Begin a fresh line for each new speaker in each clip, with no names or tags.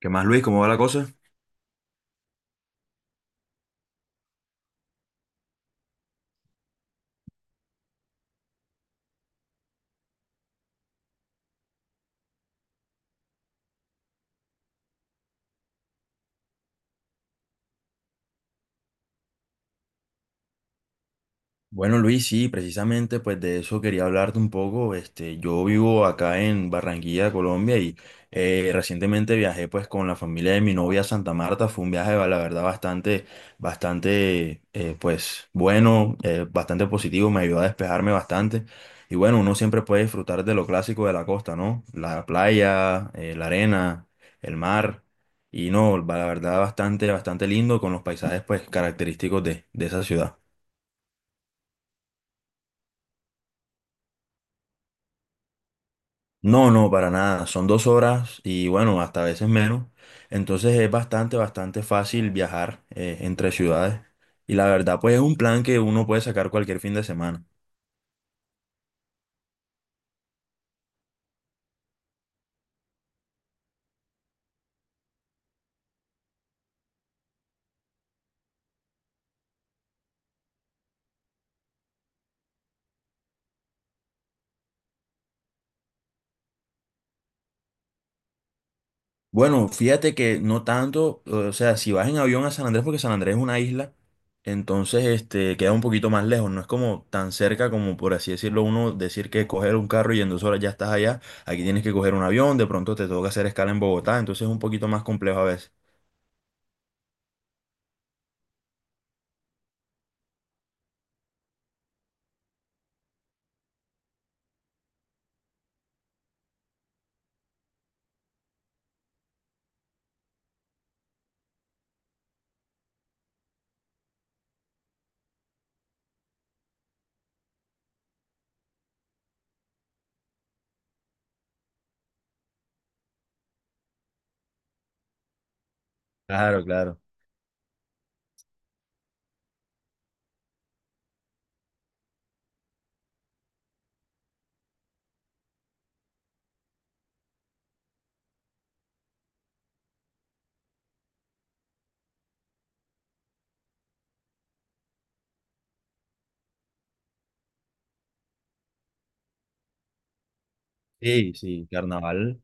¿Qué más, Luis? ¿Cómo va la cosa? Bueno, Luis, sí, precisamente pues de eso quería hablarte un poco. Yo vivo acá en Barranquilla, Colombia, y recientemente viajé pues con la familia de mi novia a Santa Marta. Fue un viaje, la verdad, bastante, pues bueno, bastante positivo, me ayudó a despejarme bastante. Y bueno, uno siempre puede disfrutar de lo clásico de la costa, ¿no? La playa, la arena, el mar. Y no, la verdad, bastante lindo con los paisajes pues característicos de esa ciudad. No, no, para nada. Son 2 horas y bueno, hasta a veces menos. Entonces es bastante fácil viajar entre ciudades. Y la verdad, pues es un plan que uno puede sacar cualquier fin de semana. Bueno, fíjate que no tanto, o sea, si vas en avión a San Andrés, porque San Andrés es una isla, entonces este queda un poquito más lejos, no es como tan cerca como, por así decirlo, uno decir que coger un carro y en 2 horas ya estás allá. Aquí tienes que coger un avión, de pronto te toca hacer escala en Bogotá, entonces es un poquito más complejo a veces. Claro, claro. Sí, sí, carnaval.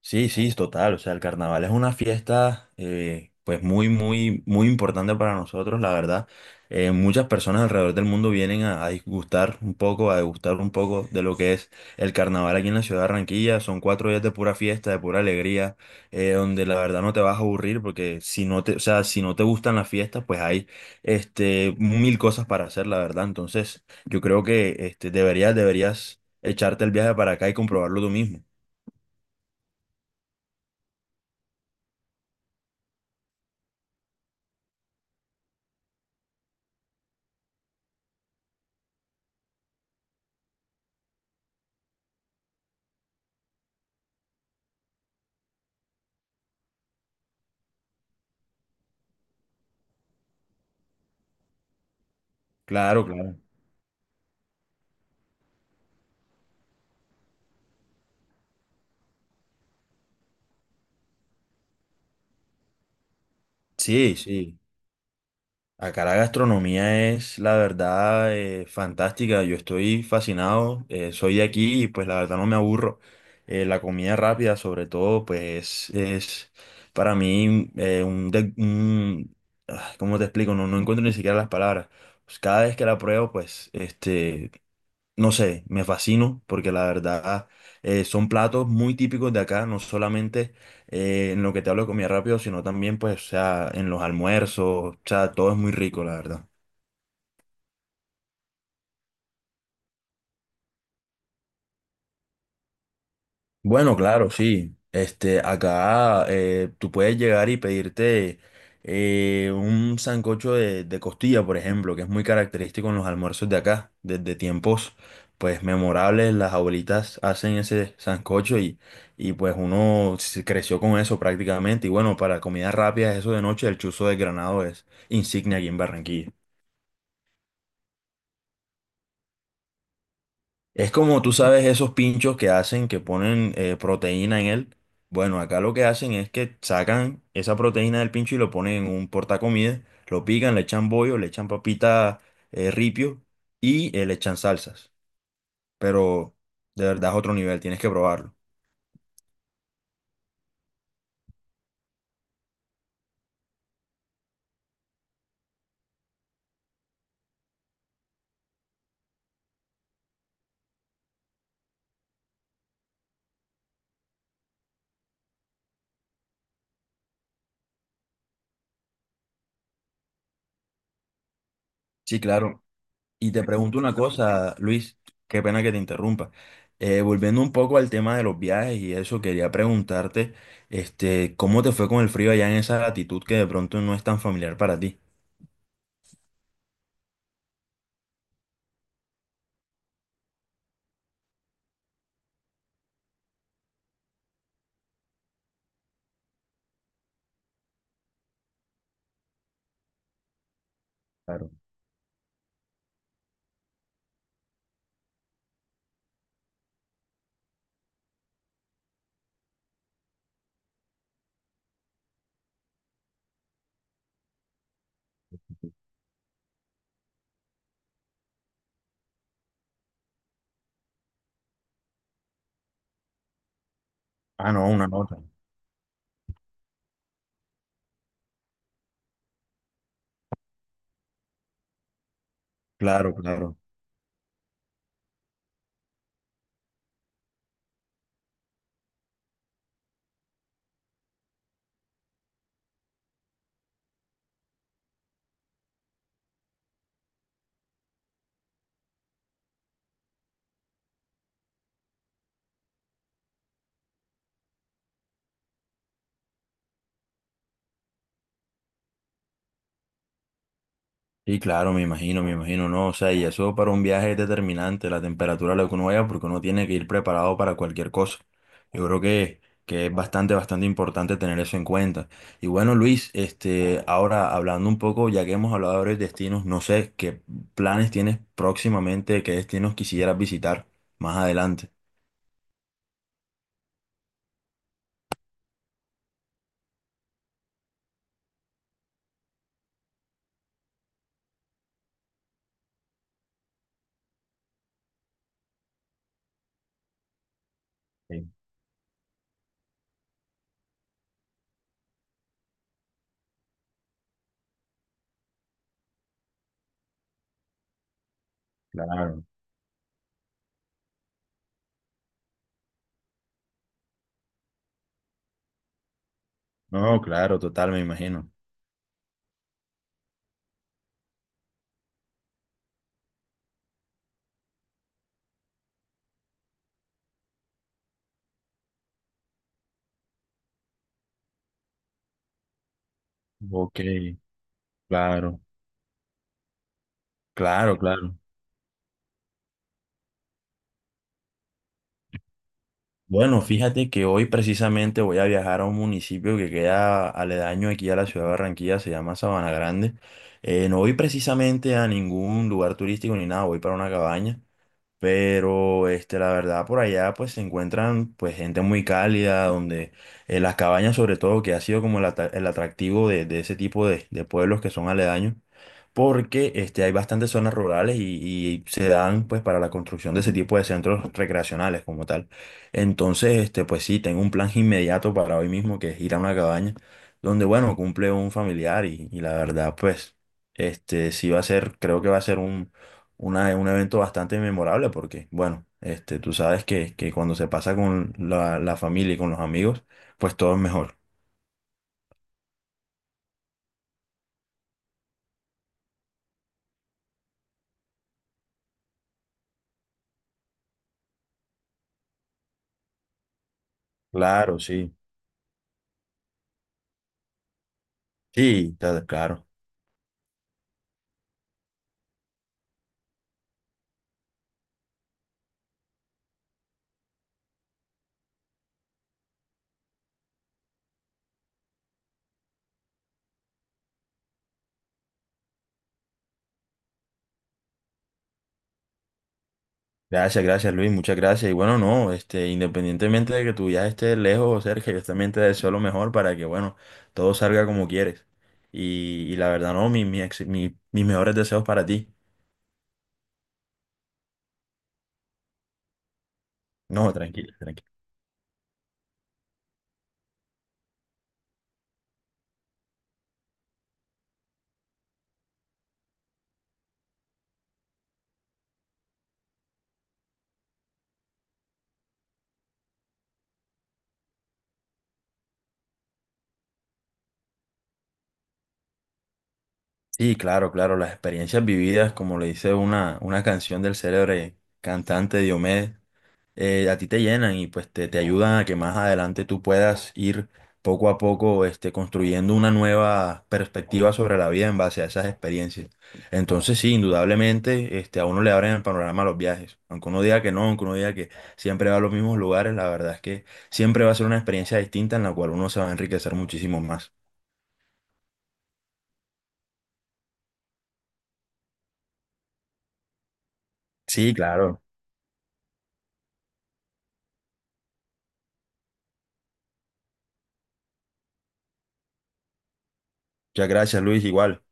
Sí, sí, total. O sea, el carnaval es una fiesta, pues muy, muy, muy importante para nosotros, la verdad. Muchas personas alrededor del mundo vienen a disgustar un poco, a degustar un poco de lo que es el carnaval aquí en la ciudad de Barranquilla. Son 4 días de pura fiesta, de pura alegría, donde la verdad no te vas a aburrir, porque o sea, si no te gustan las fiestas, pues hay, mil cosas para hacer, la verdad. Entonces, yo creo que, deberías echarte el viaje para acá y comprobarlo tú mismo. Claro, claro. Sí, sí. Acá la gastronomía es, la verdad, fantástica. Yo estoy fascinado. Soy de aquí y pues la verdad no me aburro. La comida rápida, sobre todo, pues es para mí. Un, de- un- ah, ¿Cómo te explico? No, no encuentro ni siquiera las palabras. Pues, cada vez que la pruebo, pues no sé, me fascino porque la verdad son platos muy típicos de acá, no solamente en lo que te hablo de comida rápido, sino también pues, o sea, en los almuerzos, o sea, todo es muy rico, la verdad. Bueno, claro, sí. Acá tú puedes llegar y pedirte un sancocho de costilla, por ejemplo, que es muy característico en los almuerzos de acá. Desde tiempos, pues, memorables, las abuelitas hacen ese sancocho y pues uno se creció con eso prácticamente. Y bueno, para comidas rápidas, eso de noche, el chuzo de Granado es insignia aquí en Barranquilla. Es como tú sabes esos pinchos que hacen, que ponen proteína en él. Bueno, acá lo que hacen es que sacan esa proteína del pincho y lo ponen en un portacomidas, lo pican, le echan bollo, le echan papita ripio y le echan salsas. Pero de verdad es otro nivel, tienes que probarlo. Sí, claro. Y te pregunto una cosa, Luis, qué pena que te interrumpa. Volviendo un poco al tema de los viajes y eso, quería preguntarte, ¿cómo te fue con el frío allá en esa latitud que de pronto no es tan familiar para ti? Claro. Ah, no, una nota. Claro, claro. Sí, claro, me imagino, no, o sea, y eso para un viaje es determinante, la temperatura, lo que uno vaya, porque uno tiene que ir preparado para cualquier cosa. Yo creo que es bastante importante tener eso en cuenta. Y bueno, Luis, ahora hablando un poco, ya que hemos hablado de varios destinos, no sé qué planes tienes próximamente, qué destinos quisieras visitar más adelante. Sí, claro. No, claro, total, me imagino. Ok, claro, claro, claro. Bueno, fíjate que hoy precisamente voy a viajar a un municipio que queda aledaño aquí a la ciudad de Barranquilla, se llama Sabana Grande. No voy precisamente a ningún lugar turístico ni nada, voy para una cabaña, pero la verdad, por allá pues se encuentran pues gente muy cálida, donde las cabañas sobre todo, que ha sido como el atractivo de ese tipo de pueblos que son aledaños, porque hay bastantes zonas rurales y se dan pues para la construcción de ese tipo de centros recreacionales como tal. Entonces, pues sí, tengo un plan inmediato para hoy mismo que es ir a una cabaña donde, bueno, cumple un familiar y la verdad, pues, sí va a ser, creo que va a ser un evento bastante memorable porque, bueno, tú sabes que cuando se pasa con la familia y con los amigos, pues todo es mejor. Claro, sí. Sí, claro. Gracias, gracias Luis, muchas gracias. Y bueno, no, independientemente de que tu viaje esté lejos o cerca, yo también te deseo lo mejor para que, bueno, todo salga como quieres. Y la verdad, no, mis mejores deseos para ti. No, tranquilo, tranquilo. Sí, claro, claro, las experiencias vividas, como le dice una canción del célebre cantante Diomedes. A ti te llenan y pues te ayudan a que más adelante tú puedas ir poco a poco construyendo una nueva perspectiva sobre la vida en base a esas experiencias. Entonces sí, indudablemente a uno le abren el panorama los viajes. Aunque uno diga que no, aunque uno diga que siempre va a los mismos lugares, la verdad es que siempre va a ser una experiencia distinta en la cual uno se va a enriquecer muchísimo más. Sí, claro. Muchas gracias, Luis, igual.